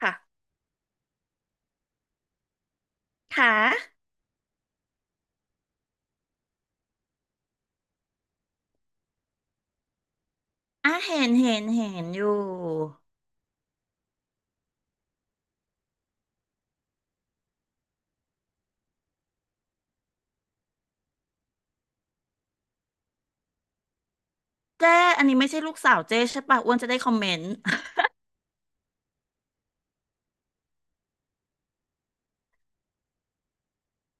ค่ะ ค่ะ อ่ะ เห็น อยู่เจ้อันนี้ไม่ใช่ลูกสาวเจ้ใช่ปะอ้วนจะได้คอมเมนต์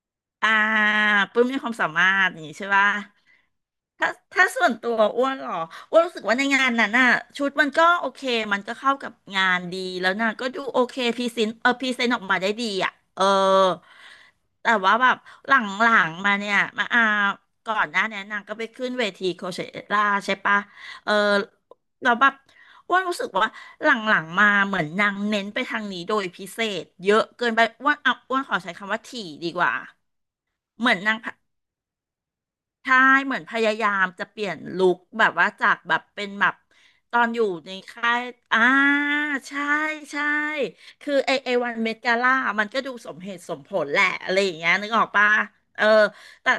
อ่าปลื้มมีความสามารถอย่างนี้ใช่ปะ ถ้าส่วนตัวอ้วนเหรออ้วนรู้สึกว่าในงานนั้นน่ะชุดมันก็โอเคมันก็เข้ากับงานดีแล้วน่ะก็ดูโอเคพรีเซนต์พรีเซนต์ออกมาได้ดีอ่ะเออแต่ว่าแบบหลังๆมาเนี่ยมาอาก่อนหน้าเนี้นางก็ไปขึ้นเวทีโคเชล่าใช่ปะเออเราแล้วแบบอ้วนรู้สึกว่าหลังๆมาเหมือนนางเน้นไปทางนี้โดยพิเศษเยอะเกินไปอ้วนอ่ะอ้วนขอใช้คำว่าถี่ดีกว่าเหมือนนาง ใช่เหมือนพยายามจะเปลี่ยนลุคแบบว่าจากแบบเป็นแบบตอนอยู่ในค่ายอ่าใช่ใช่คือไอไอวันเมกาล่ามันก็ดูสมเหตุสมผลแหละอะไรอย่างเงี้ยนึกออกปะเออแต่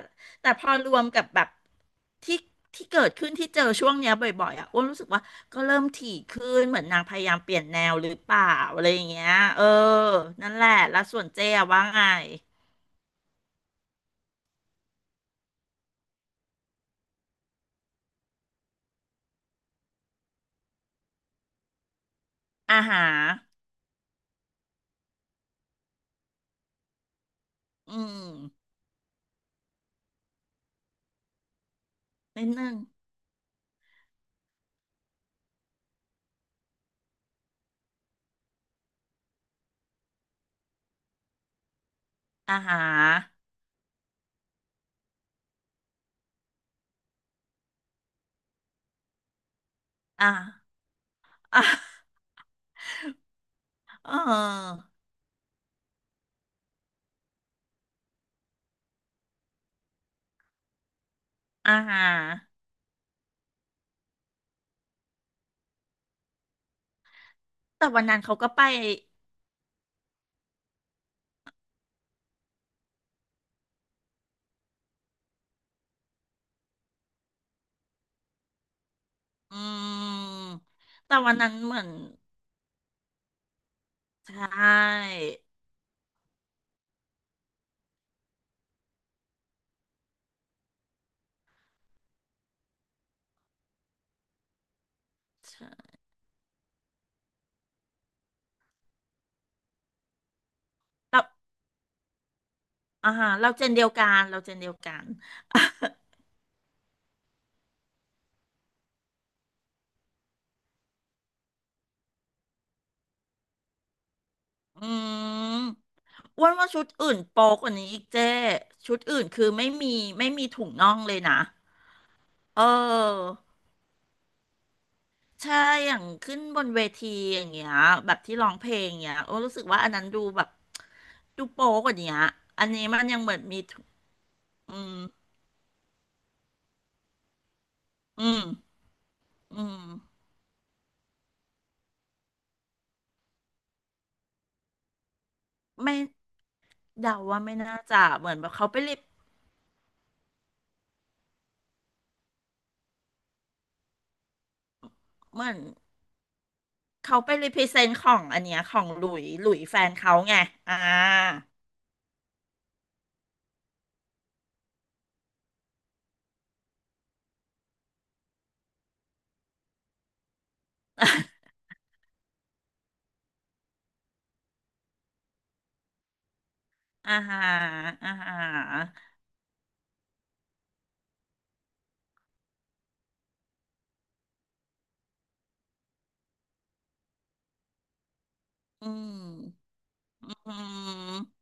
แต่พอรวมกับแบบที่ที่เกิดขึ้นที่เจอช่วงเนี้ยบ่อยๆอ่ะอ้วนรู้สึกว่าก็เริ่มถี่ขึ้นเหมือนนางพยายามเปลี่ยนแนวหรือเปล่าอะไรอย่างเงี้ยเออนั่นแหละแล้วส่วนเจ๊อะว่าไงอาหารอืมนิดนึง อ่าฮะอ่า อ่าเอออ่าฮะแต่วันนั้นเขาก็ไปอืมแต่วันนั้นเหมือนใช่ใช่เราอ่าฮะเราเจนเดียวกัน อืมอ้วนว่าชุดอื่นโป๊กว่านี้อีกเจ้ชุดอื่นคือไม่มีถุงน่องเลยนะเออใช่อย่างขึ้นบนเวทีอย่างเงี้ยแบบที่ร้องเพลงเงี้ยโอ้รู้สึกว่าอันนั้นดูแบบ ดูโป๊กว่านี้อะอันนี้มันยังเหมือนมี อืมอืมอืม ไม่เดาว่าไม่น่าจะเหมือนแบบเขาไปรีเหมือนเขาไปรีพรีเซนต์ของอันเนี้ยของหลุยแฟนเขาไงอ่าอ่าฮะอ่าฮะอืมอืม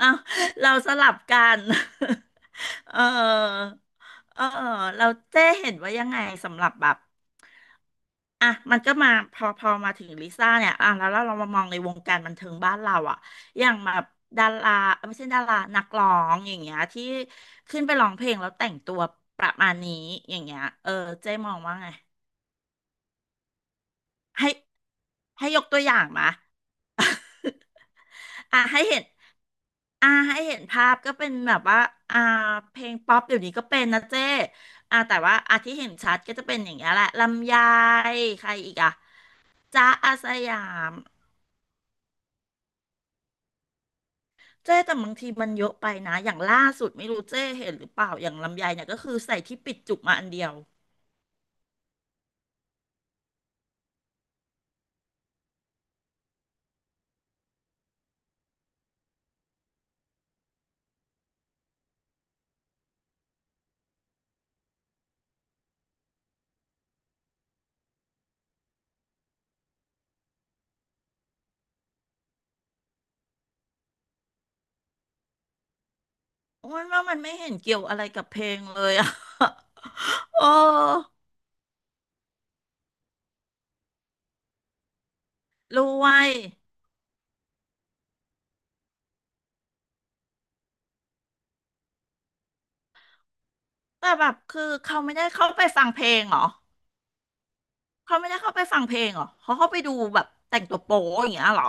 อ้าวเราสลับกัน เออเออเราเจ้เห็นว่ายังไงสำหรับแบบ อ่ะมันก็มาพอมาถึงลิซ่าเนี่ยอ่ะแล้วเรามามองในวงการบันเทิงบ้านเราอ่ะอย่างแบบดาราเอ้ยไม่ใช่ดารานักร้องอย่างเงี้ยที่ขึ้นไปร้องเพลงแล้วแต่งตัวประมาณนี้อย่างเงี้ยเออเจ๊มองว่าไงให้ให้ยกตัวอย่างมา อ่ะให้เห็นอ่ะให้เห็นภาพก็เป็นแบบว่าอ่าเพลงป๊อปเดี๋ยวนี้ก็เป็นนะเจ้อ่ะแต่ว่าอ่ะที่เห็นชัดก็จะเป็นอย่างเงี้ยแหละลำไยใครอีกอ่ะจ๊ะอาสยาม เจ๊แต่บางทีมันเยอะไปนะอย่างล่าสุดไม่รู้เจ๊เห็นหรือเปล่าอย่างลำไยเนี่ยก็คือใส่ที่ปิดจุกมาอันเดียวโอ้ยว่ามันไม่เห็นเกี่ยวอะไรกับเพลงเลยอะ โอ้รวยแต่แบบคือเขาไม่ได้เข้าไปฟังเพลงเหรอเขาไม่ได้เข้าไปฟังเพลงเหรอเขาเข้าไปดูแบบแต่งตัวโป๊อย่างเงี้ยเหรอ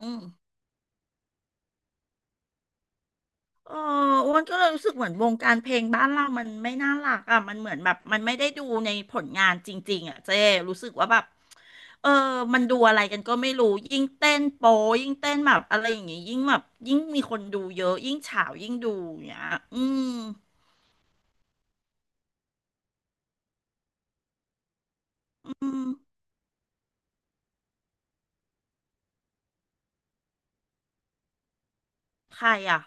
อืมเอออ้วนก็เลยรู้สึกเหมือนวงการเพลงบ้านเรามันไม่น่ารักอ่ะมันเหมือนแบบมันไม่ได้ดูในผลงานจริงๆอ่ะเจ๊รู้สึกว่าแบบ เออ มันดูอะไรกันก็ไม่รู้ ยิ่งเต้นโป๊ยิ่งเต้นแบบอะไรอย่างงี้ยิ่งแบบยิ่งมีคนดูเยอะ ยิ่งฉาวยิ่งดูอย่างเงี้ยอืมอืมใครอ่ะ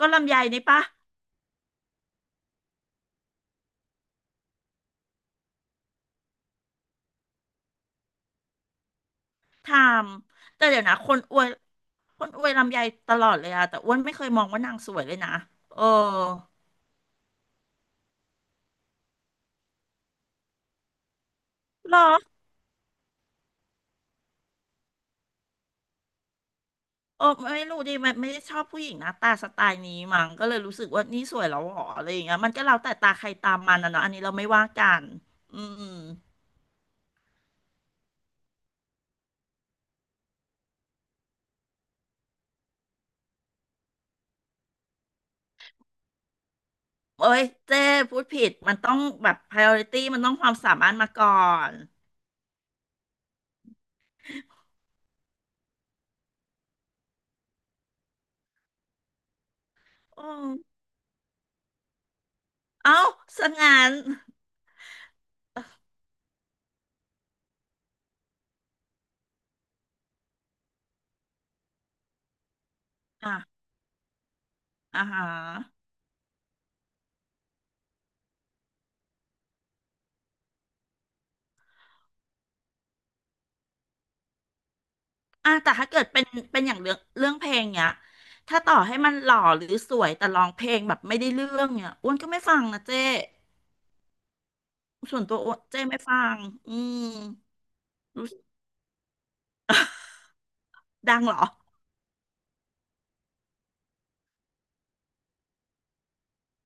ก็ลำไยนี่ปะทามแต่เดี๋ยวนะ คนอวยลำไยตลอดเลยอะแต่อ้วนไม่เคยมองว่านางสวยเลยนะ เออเหรอเออไม่รู้ดิไม่ได้ชอบผู้หญิงหน้าตาสไตล์นี้มั้งก็เลยรู้สึกว่านี่สวยแล้วเหรออะไรอย่างเงี้ยมันก็แล้วแต่ตาใครตามมันนะเนาะอันนี้เราไม่ว่ากันอืม เอ้ยเจ้พูดผิดมันต้องแบบ priority มันต้องความสามารถมาก่อนอืมเอ้าสังงานอ่ะอ่าฮะอ่ะแต่ถ้าเกิดเป็นอย่างเรื่องเพลงเนี้ยถ้าต่อให้มันหล่อหรือสวยแต่ร้องเพลงแบบไม่ได้เรื่องเนี้ยอ้วนก็ไม่ฟังนะเจ้ส่วนตัวอ้วนเจ้ไม่ฟังอืมรู้สึกดังเหรอ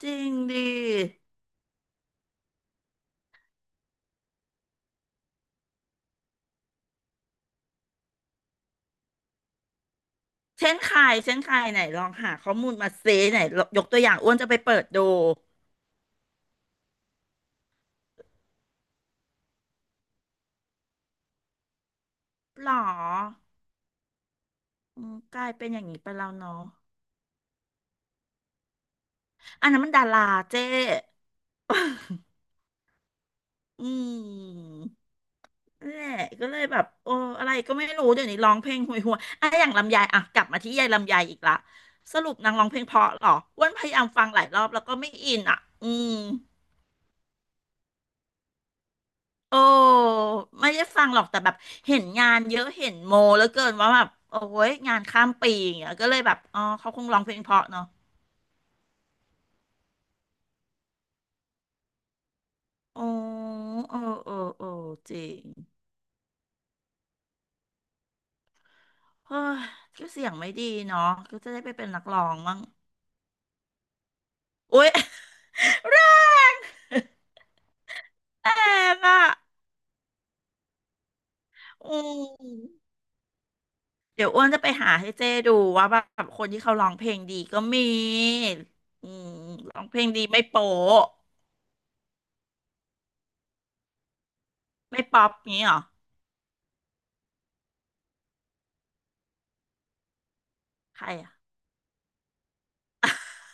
จริงดิเช่นใครไหนลองหาข้อมูลมาเซไหนยกตัวอย่างอ้วนจะไปเปิดดูหรอ อืมกลายเป็นอย่างนี้ไปแล้วเนาะอันนั้นมันดาราเจ้ อืมนั่นแหละก็เลยแบบโอ้อะไรก็ไม่รู้เดี๋ยวนี้ร้องเพลงห่วยอ่ะอย่างลำไยอ่ะกลับมาที่ยายลำไยอีกละสรุปนางร้องเพลงเพราะเหรออ้วนพยายามฟังหลายรอบแล้วก็ไม่อินอ่ะอืมโอ้ไม่ได้ฟังหรอกแต่แบบเห็นงานเยอะเห็นโมแล้วเกินว่าแบบโอ้ยงานข้ามปีอย่างเงี้ยก็เลยแบบอ๋อเขาคงร้องเพลงเพราะเนาะโอ้เออเออเออจริง เฮ้ยก็เสียงไม่ดีเนาะก็จะได้ไปเป็นนักร้องมั้งอุ๊ย แรงอ่ะอืมเดี๋ยวอ้วนจะไปหาให้เจ้ดูว่าแบบคนที่เขาร้องเพลงดีก็มีอืมร้องเพลงดีไม่โป๊ะไม่ป๊อปงี้เหรอ ใครอ่ะ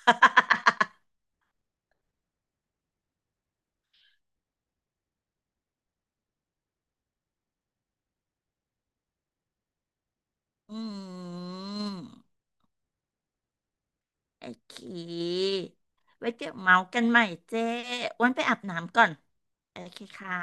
อืมโอเคไว้เดี๋ยวเมาส์กันใหม่เจ้อ้วนไปอาบน้ำก่อนโอเคค่ะ